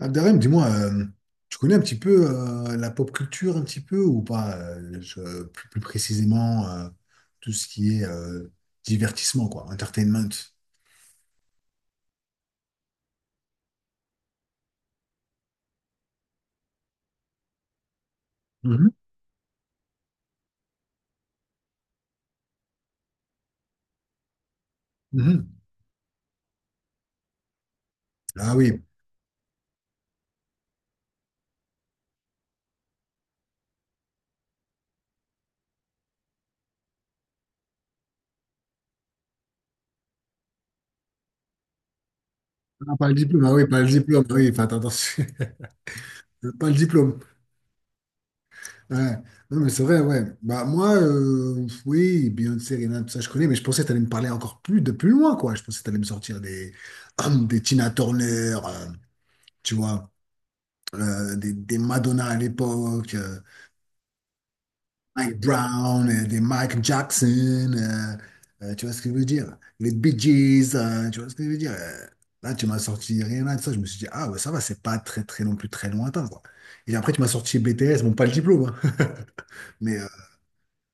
Abderrahim, dis-moi, tu connais un petit peu la pop culture, un petit peu ou pas plus, plus précisément tout ce qui est divertissement, quoi, entertainment. Mhm, mhm. Ah oui. Ah, pas le diplôme, ah oui, pas le diplôme, ah oui, faites attention, pas le diplôme. Ouais. Non, mais c'est vrai, ouais. Bah, moi, oui, Beyoncé, Rihanna, tout ça, je connais, mais je pensais que tu allais me parler encore plus de plus loin, quoi. Je pensais que tu allais me sortir des Tina Turner, tu vois. Des Madonna à l'époque, Mike Brown, des Mike Jackson, tu vois ce que je veux dire? Les Bee Gees, tu vois ce que je veux dire? Là, tu m'as sorti rien là de ça, je me suis dit, ah ouais, ça va, c'est pas très très non plus très lointain, quoi. Et après, tu m'as sorti BTS, bon, pas le diplôme, hein, mais, euh,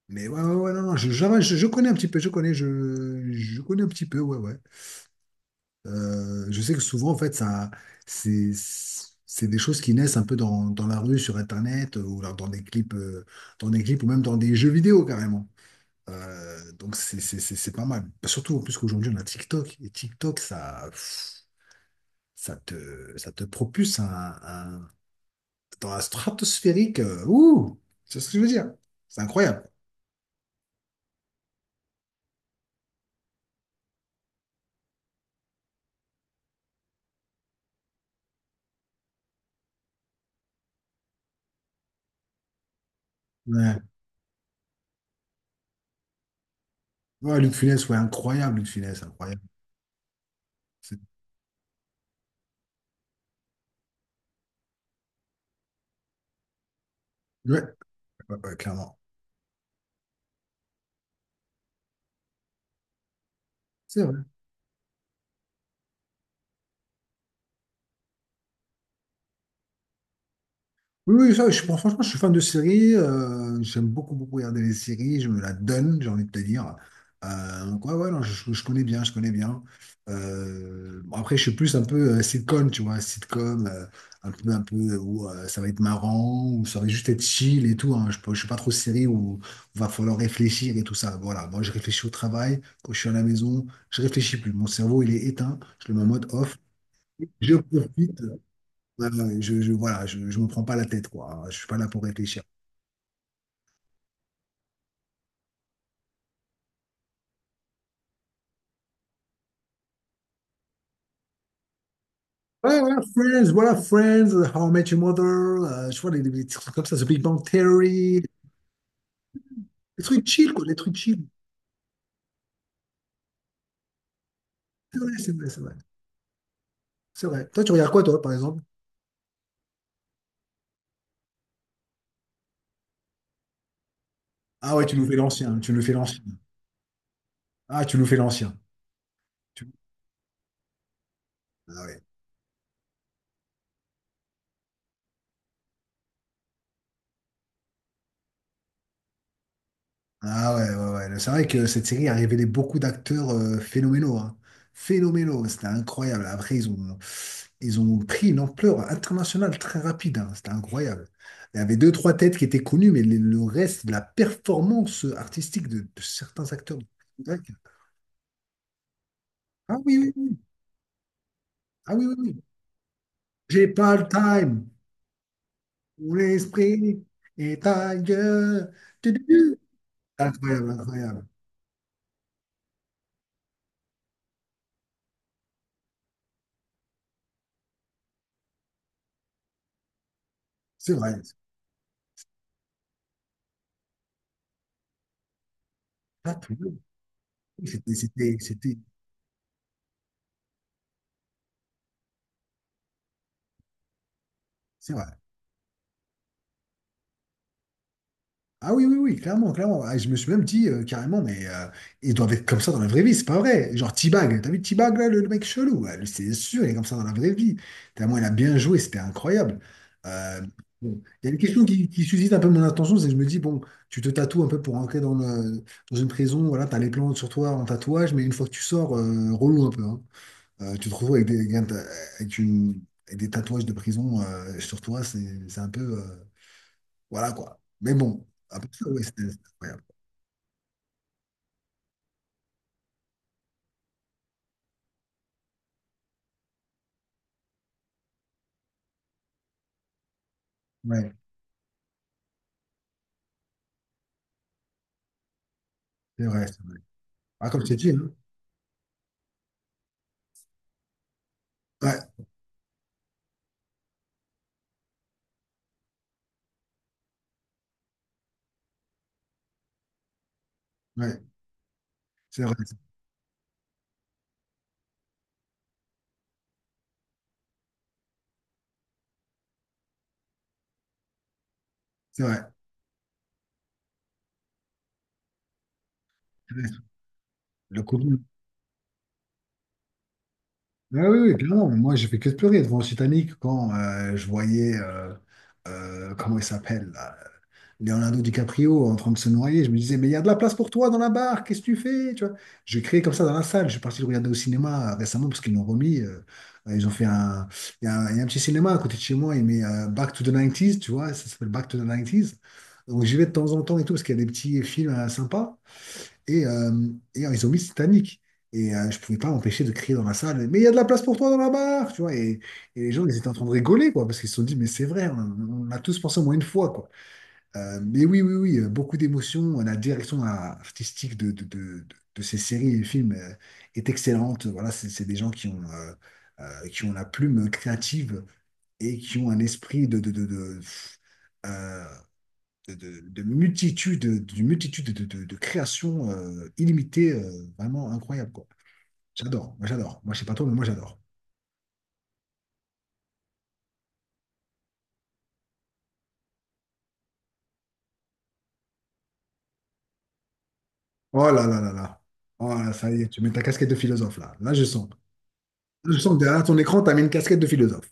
mais ouais, ouais, ouais, non, non, je connais un petit peu, je connais, je connais un petit peu, ouais, ouais. Je sais que souvent, en fait, c'est, c'est des choses qui naissent un peu dans la rue, sur Internet, ou alors dans des clips, ou même dans des jeux vidéo carrément. Donc c'est pas mal. Bah, surtout en plus qu'aujourd'hui, on a TikTok, et TikTok, ça, pff, ça te propulse un- dans la stratosphérique. C'est ce que je veux dire. C'est incroyable. Ouais. Ouais, Luc Funès, ouais, incroyable, Luc Funès, incroyable. C'est- Ouais, ouais, ouais, clairement. C'est Oui, oui, ça, bon, franchement, je suis fan de séries. J'aime beaucoup, beaucoup regarder les séries. Je me la donne, j'ai envie de te dire. Donc, ouais, ouais, non, je connais bien, je connais bien. Bon, après, je suis plus un peu sitcom, tu vois, sitcom, un peu où ça va être marrant, où ça va juste être chill et tout, hein. Je suis pas trop série où il va falloir réfléchir et tout ça. Voilà, moi, je réfléchis au travail. Quand je suis à la maison, je réfléchis plus. Mon cerveau, il est éteint. Je le mets en mode off. Je profite. Ouais, ouais, voilà, je me prends pas la tête, quoi. Je suis pas là pour réfléchir. Ouais, voilà, Friends, How I Met Your Mother, je vois des, des trucs comme ça, The Big Bang Theory, des trucs chill, quoi, des trucs chill. C'est vrai, c'est vrai, c'est vrai. C'est vrai. Toi, tu regardes quoi, toi, par exemple? Ah ouais, tu nous fais l'ancien, tu nous fais l'ancien. Ah, tu nous fais l'ancien. Tu- Ah ouais. Ah ouais, ouais, ouais. C'est vrai que cette série a révélé beaucoup d'acteurs phénoménaux, hein. Phénoménaux, c'était incroyable. Après, ils ont pris une ampleur internationale très rapide, hein. C'était incroyable. Il y avait deux, trois têtes qui étaient connues, mais le reste, de la performance artistique de certains acteurs. Ah oui, oui, oui. Ah oui, oui, oui. J'ai pas le time. Mon esprit est ailleurs. Tu. Incroyable, incroyable. C'est vrai. Ah, tout. C'était, c'est vrai. Ah oui, oui, oui, clairement, clairement. Ah, je me suis même dit carrément, mais ils doivent être comme ça dans la vraie vie, c'est pas vrai. Genre T-Bag, t'as vu T-Bag là, le mec chelou, ouais, c'est sûr, il est comme ça dans la vraie vie. Tellement il a bien joué, c'était incroyable. Euh, bon. Il y a une question qui suscite un peu mon attention, c'est que je me dis, bon, tu te tatoues un peu pour rentrer dans une prison, voilà, t'as les plantes sur toi en tatouage, mais une fois que tu sors, relou un peu, hein. Tu te retrouves avec une- avec des tatouages de prison sur toi, c'est un peu. Voilà quoi. Mais bon, après ça, ouais, c'était c'était incroyable. Ouais, c'est vrai, c'est vrai. Ah, comme je t'ai dit, hein. Ouais, ouais, c'est vrai, c'est vrai, c'est vrai. Le Covid. Ah oui, oui, clairement. Moi, j'ai fait que de pleurer devant Titanic quand je voyais, comment il s'appelle, là, Leonardo DiCaprio en train de se noyer. Je me disais, mais il y a de la place pour toi dans la barre, qu'est-ce que tu fais? Tu vois, j'ai crié comme ça dans la salle. Je suis parti le regarder au cinéma récemment parce qu'ils l'ont remis. Ils ont fait un. Il y a un petit cinéma à côté de chez moi, il met Back to the 90s, tu vois, ça s'appelle Back to the 90s. Donc j'y vais de temps en temps et tout parce qu'il y a des petits films sympas. Et, euh, Ils ont mis Titanic. Je pouvais pas m'empêcher de crier dans la salle, mais il y a de la place pour toi dans la barre, tu vois. Et les gens, ils étaient en train de rigoler, quoi, parce qu'ils se sont dit, mais c'est vrai, on a tous pensé au moins une fois, quoi. Mais oui, oui, oui, beaucoup d'émotions. La direction artistique de ces séries et films est excellente. Voilà, c'est des gens qui ont la plume créative et qui ont un esprit euh, de multitude, d'une multitude de créations illimitées, vraiment incroyables, quoi. J'adore. Moi je sais pas toi, mais moi j'adore. Oh là là là là. Oh là, ça y est, tu mets ta casquette de philosophe là. Là je sens. Je sens que derrière ton écran, tu as mis une casquette de philosophe.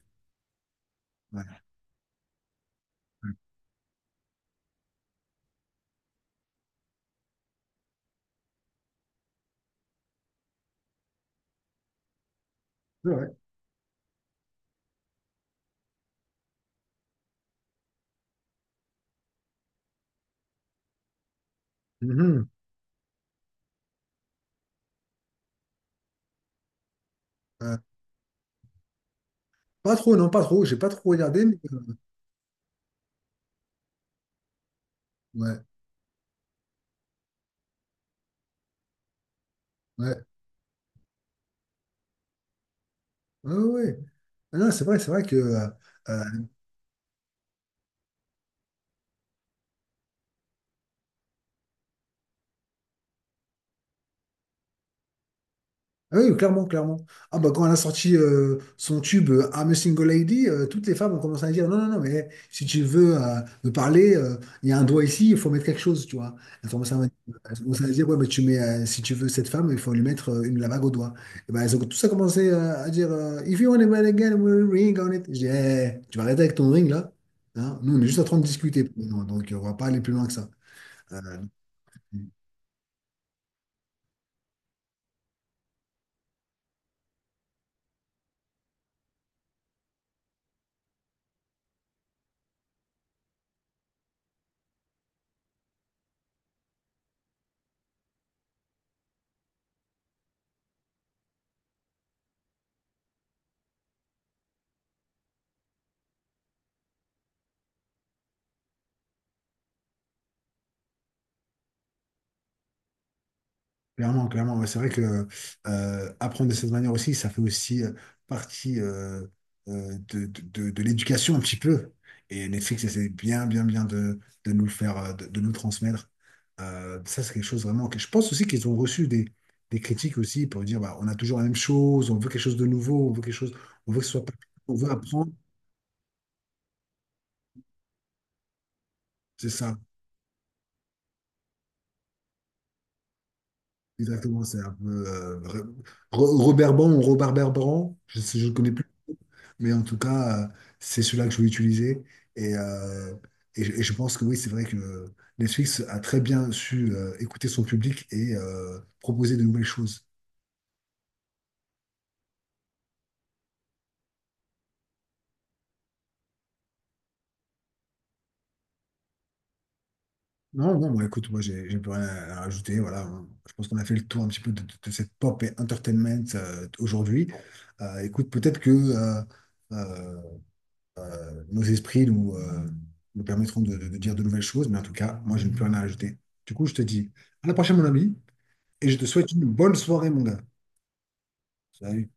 Ouais. Ouais, ouais. Mhm. Euh, Pas trop, non, pas trop. J'ai pas trop regardé, mais ouais, ouais, ouais, ouais. Ah non, c'est vrai que euh, ah oui, clairement, clairement. Ah bah quand elle a sorti son tube I'm a Single Lady, toutes les femmes ont commencé à dire non, non, non, mais si tu veux me parler, il y a un doigt ici, il faut mettre quelque chose, tu vois. Elles ont commencé elles ont commencé à dire ouais, mais tu mets, si tu veux cette femme, il faut lui mettre une la bague au doigt. Et ben elles ont tout ça commencé à dire If you want a man again, we'll ring on it. Je dis, eh, tu vas arrêter avec ton ring là. Hein, nous, on est juste en train de discuter. Non, donc, on va pas aller plus loin que ça. Euh, Clairement, clairement. Ouais, c'est vrai que apprendre de cette manière aussi, ça fait aussi partie de l'éducation un petit peu. Et Netflix essaie bien, bien, bien de nous le faire, de nous le transmettre. Ça, c'est quelque chose vraiment que je pense aussi qu'ils ont reçu des critiques aussi pour dire bah, on a toujours la même chose, on veut quelque chose de nouveau, on veut quelque chose, on veut que ce soit, on veut apprendre. C'est ça, exactement. C'est un peu Robert Bran ou Robert Berbran, je ne connais plus. Mais en tout cas, c'est celui-là que je vais utiliser. Et, euh, je pense que oui, c'est vrai que Netflix a très bien su écouter son public et proposer de nouvelles choses. Non, non, bon, écoute, moi, j'ai plus rien à rajouter. Voilà, je pense qu'on a fait le tour un petit peu de cette pop et entertainment aujourd'hui. Écoute, peut-être que euh, nos esprits nous, nous permettront de dire de nouvelles choses, mais en tout cas, moi, je n'ai plus rien à rajouter. Du coup, je te dis à la prochaine, mon ami, et je te souhaite une bonne soirée, mon gars. Salut.